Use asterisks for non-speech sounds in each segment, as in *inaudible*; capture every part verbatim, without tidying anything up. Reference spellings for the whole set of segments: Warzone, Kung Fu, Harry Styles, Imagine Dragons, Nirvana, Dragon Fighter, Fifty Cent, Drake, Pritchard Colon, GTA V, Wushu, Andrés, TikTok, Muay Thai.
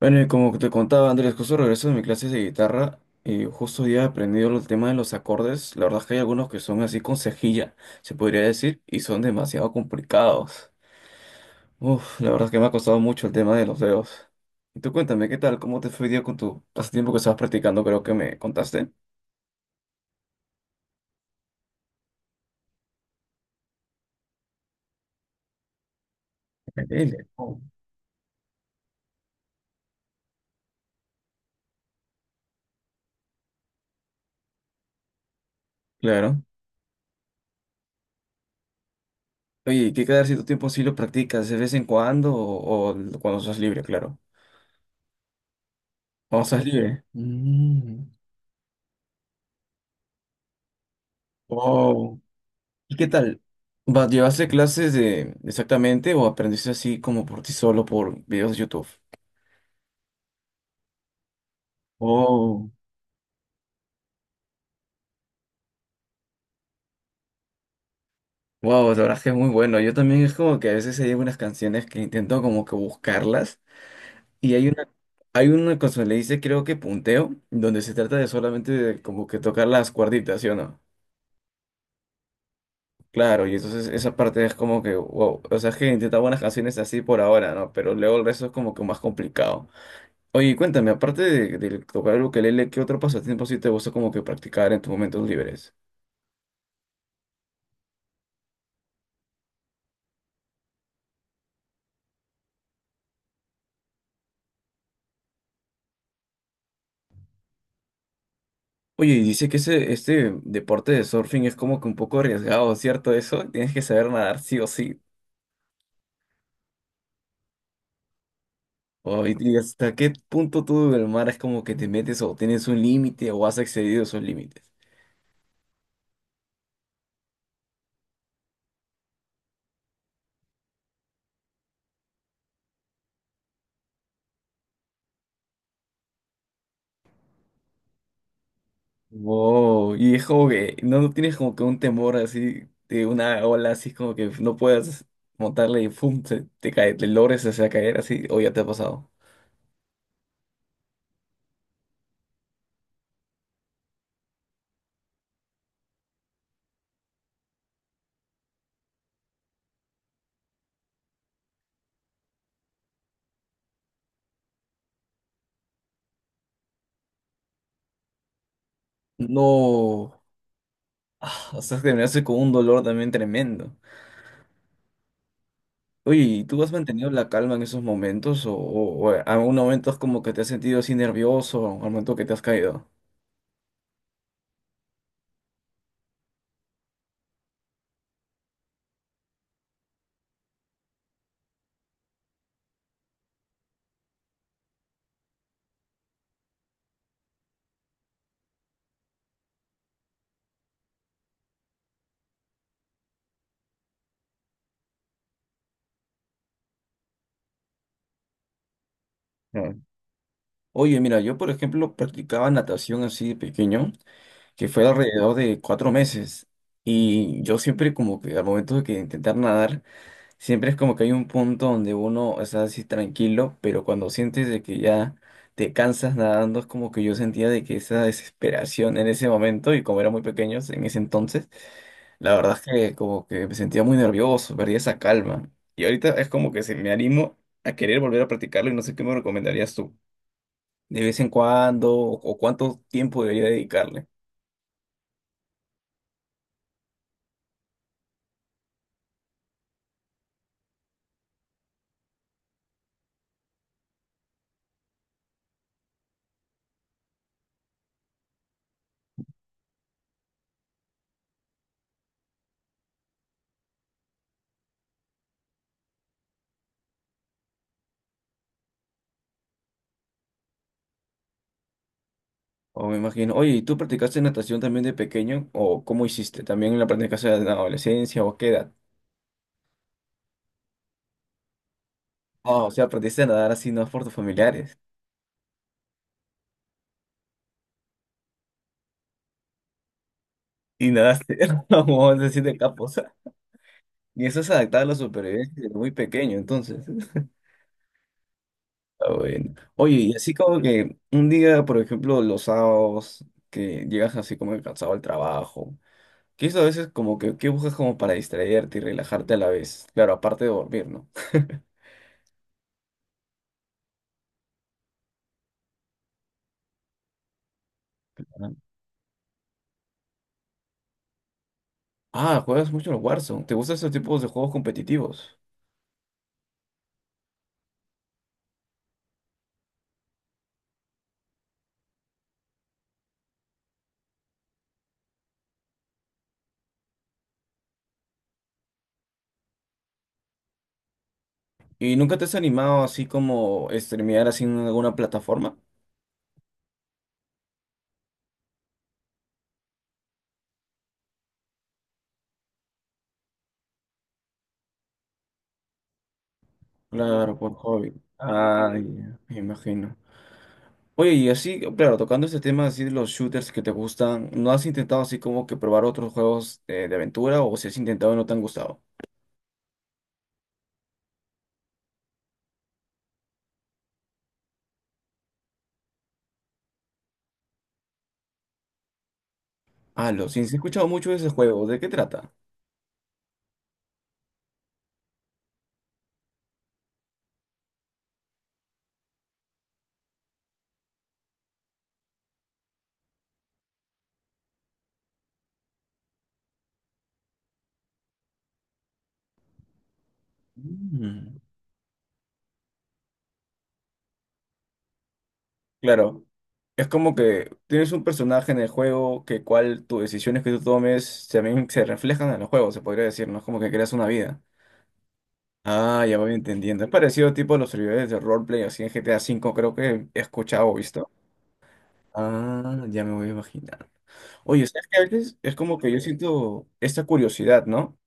Bueno, y como te contaba Andrés, justo regreso de mi clase de guitarra y justo hoy he aprendido el tema de los acordes. La verdad es que hay algunos que son así con cejilla, se podría decir, y son demasiado complicados. Uf, la verdad es que me ha costado mucho el tema de los dedos. Y tú cuéntame, ¿qué tal? ¿Cómo te fue hoy día con tu pasatiempo que estabas practicando? Creo que me contaste. Increíble. Oh. Claro. Oye, ¿y ¿qué quedar si tu tiempo sí lo practicas de vez en cuando o, o cuando estás libre, claro? Cuando estás libre. Mm. Wow. ¿Y qué tal? Va, ¿llevaste clases de exactamente o aprendiste así como por ti solo por videos de YouTube? Oh, wow, la verdad es que es muy bueno. Yo también es como que a veces hay algunas canciones que intento como que buscarlas y hay una, hay una cosa que le dice creo que punteo, donde se trata de solamente de como que tocar las cuerditas, ¿sí o no? Claro, y entonces esa parte es como que wow, o sea, es que intenta buenas canciones así por ahora, ¿no? Pero luego el resto es como que más complicado. Oye, cuéntame, aparte de, de tocar el ukelele, ¿qué otro pasatiempo sí te gusta como que practicar en tus momentos libres? Oye, y dice que ese, este deporte de surfing es como que un poco arriesgado, ¿cierto? Eso, tienes que saber nadar sí o sí. Oye, ¿y hasta qué punto tú del mar es como que te metes o tienes un límite o has excedido esos límites? Wow, y es como que no, no tienes como que un temor así de una ola así como que no puedas montarle y pum, se- te, cae, te logres hacer caer así, o ya te ha pasado. No. Ah, o sea, terminaste con un dolor también tremendo. Oye, ¿y tú has mantenido la calma en esos momentos? ¿O, o, o algún momento es como que te has sentido así nervioso al momento que te has caído? Ah. Oye, mira, yo por ejemplo practicaba natación así de pequeño, que fue alrededor de cuatro meses. Y yo siempre como que al momento de que intentar nadar, siempre es como que hay un punto donde uno está así tranquilo, pero cuando sientes de que ya te cansas nadando, es como que yo sentía de que esa desesperación en ese momento, y como era muy pequeños en ese entonces, la verdad es que como que me sentía muy nervioso, perdía esa calma. Y ahorita es como que se me animo a querer volver a practicarlo y no sé qué me recomendarías tú. De vez en cuando, o o cuánto tiempo debería dedicarle. O me imagino, oye, ¿y tú practicaste natación también de pequeño? ¿O cómo hiciste? ¿También la practicaste en la adolescencia o a qué edad? Oh, o sea, aprendiste a nadar así, no por tus familiares. Y nadaste, *laughs* como es decir, de capo, o sea. Y eso es adaptar a la supervivencia desde muy pequeño, entonces. Ah, bueno. Oye, y así como que un día, por ejemplo, los sábados, que llegas así como que cansado al trabajo, que eso a veces como que, ¿qué buscas como para distraerte y relajarte a la vez? Claro, aparte de dormir, ¿no? Ajá. *laughs* Ah, juegas mucho el Warzone. ¿Te gustan esos tipos de juegos competitivos? ¿Y nunca te has animado así como streamear así en alguna plataforma? Claro, por hobby. Ay, me imagino. Oye, y así, claro, tocando este tema así de los shooters que te gustan, ¿no has intentado así como que probar otros juegos eh, de aventura o si has intentado y no te han gustado? Ah, lo sí, sí he escuchado mucho de ese juego. ¿De qué trata? Mm. Claro, es como que tienes un personaje en el juego que cual tus decisiones que tú tomes también se reflejan en el juego, se podría decir, ¿no? Es como que creas una vida. Ah, ya voy entendiendo. Es parecido tipo a los servidores de roleplay así en G T A cinco V, creo que he escuchado o visto. Ah, ya me voy a imaginar. Oye, ¿sabes que a veces es como que yo siento esta curiosidad, ¿no?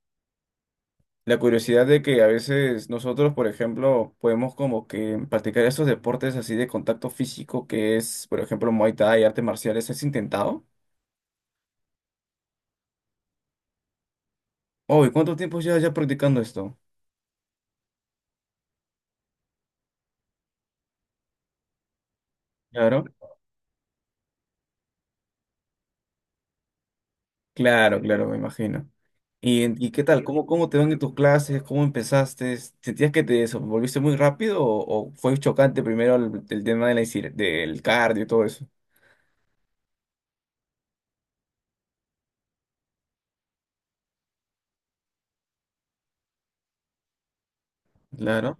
La curiosidad de que a veces nosotros, por ejemplo, podemos como que practicar estos deportes así de contacto físico que es, por ejemplo, Muay Thai, artes marciales, ¿has intentado? Oh, ¿y cuánto tiempo llevas ya practicando esto? Claro, claro, claro, me imagino. ¿Y, en- y qué tal? ¿Cómo, cómo te van en tus clases? ¿Cómo empezaste? ¿Sentías que te desenvolviste muy rápido o, o fue chocante primero el, el tema de la, insi- del cardio y todo eso? Claro.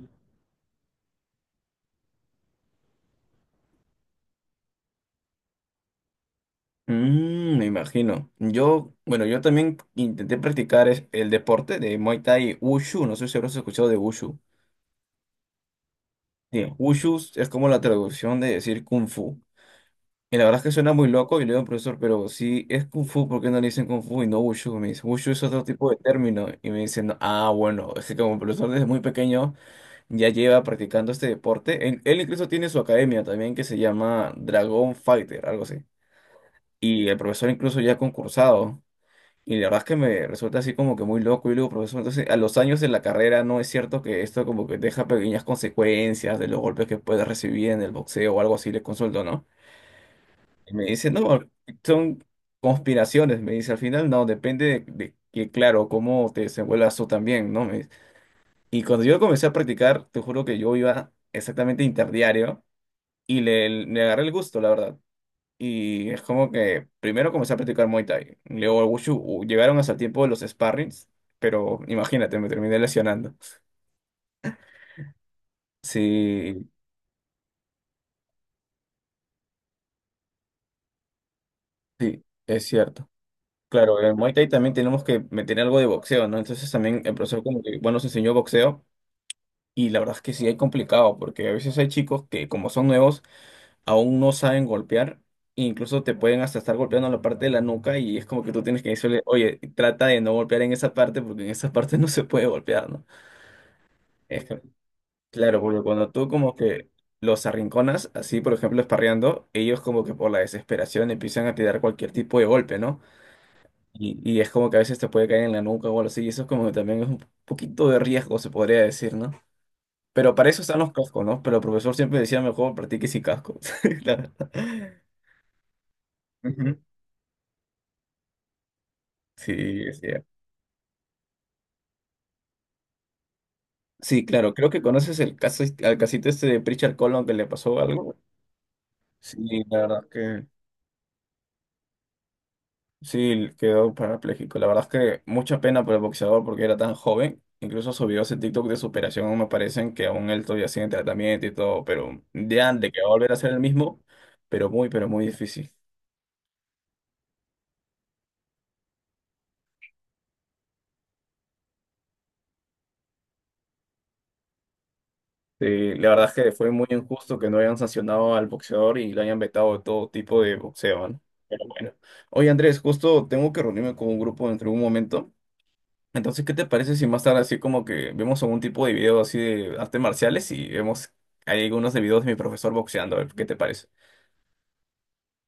Mm, me imagino. Yo, bueno, yo también intenté practicar es- el deporte de Muay Thai Wushu. No sé si habrás escuchado de Wushu. Bien, Wushu es como la traducción de decir Kung Fu. Y la verdad es que suena muy loco y le digo al profesor, pero si es Kung Fu, ¿por qué no le dicen Kung Fu y no Wushu? Me dice, Wushu es otro tipo de término. Y me dicen, ah, bueno, es que como el profesor desde muy pequeño ya lleva practicando este deporte. Él, él incluso tiene su academia también que se llama Dragon Fighter, algo así. Y el profesor incluso ya ha concursado. Y la verdad es que me resulta así como que muy loco y luego, profesor, entonces a los años de la carrera no es cierto que esto como que deja pequeñas consecuencias de los golpes que puedes recibir en el boxeo o algo así, le consulto, ¿no? Y me dice, no, son conspiraciones, me dice, al final no, depende de, de que, claro, cómo te desenvuelvas tú también, ¿no? Me dice. Y cuando yo comencé a practicar, te juro que yo iba exactamente interdiario y le, le agarré el gusto, la verdad. Y es como que primero comencé a practicar Muay Thai. Luego el Wushu u- llegaron hasta el tiempo de los sparrings, pero imagínate, me terminé lesionando. Sí, sí, es cierto. Claro, en el Muay Thai también tenemos que meter algo de boxeo, ¿no? Entonces también el profesor como que, bueno, nos enseñó boxeo y la verdad es que sí es complicado porque a veces hay chicos que como son nuevos aún no saben golpear e incluso te pueden hasta estar golpeando la parte de la nuca y es como que tú tienes que decirle, oye, trata de no golpear en esa parte porque en esa *laughs* parte no se puede golpear, ¿no? Es que- Claro, porque cuando tú como que los arrinconas, así por ejemplo esparreando, ellos como que por la desesperación empiezan a tirar cualquier tipo de golpe, ¿no? Y, y es como que a veces te puede caer en la nuca o algo así, y eso es como que también es un poquito de riesgo, se podría decir, ¿no? Pero para eso están los cascos, ¿no? Pero el profesor siempre decía, mejor practique sin casco. *laughs* La verdad. Ujú. Sí, es Sí, claro, creo que conoces el caso, al casito este de Pritchard Colon que le pasó algo. Sí, la verdad que... Sí, quedó parapléjico. La verdad es que mucha pena por el boxeador porque era tan joven. Incluso sus videos en TikTok de superación me parecen que aún él todavía sigue en tratamiento y todo, pero ya de que va a volver a ser el mismo, pero muy, pero muy difícil. Sí, la verdad es que fue muy injusto que no hayan sancionado al boxeador y lo hayan vetado de todo tipo de boxeo, ¿no? Pero bueno. Oye, Andrés, justo tengo que reunirme con un grupo dentro de un momento. Entonces, ¿qué te parece si más tarde así como que vemos algún tipo de video así de artes marciales y vemos hay algunos de videos de mi profesor boxeando? A ver, ¿qué te parece?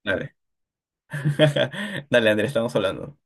Dale. *laughs* Dale, Andrés, estamos hablando.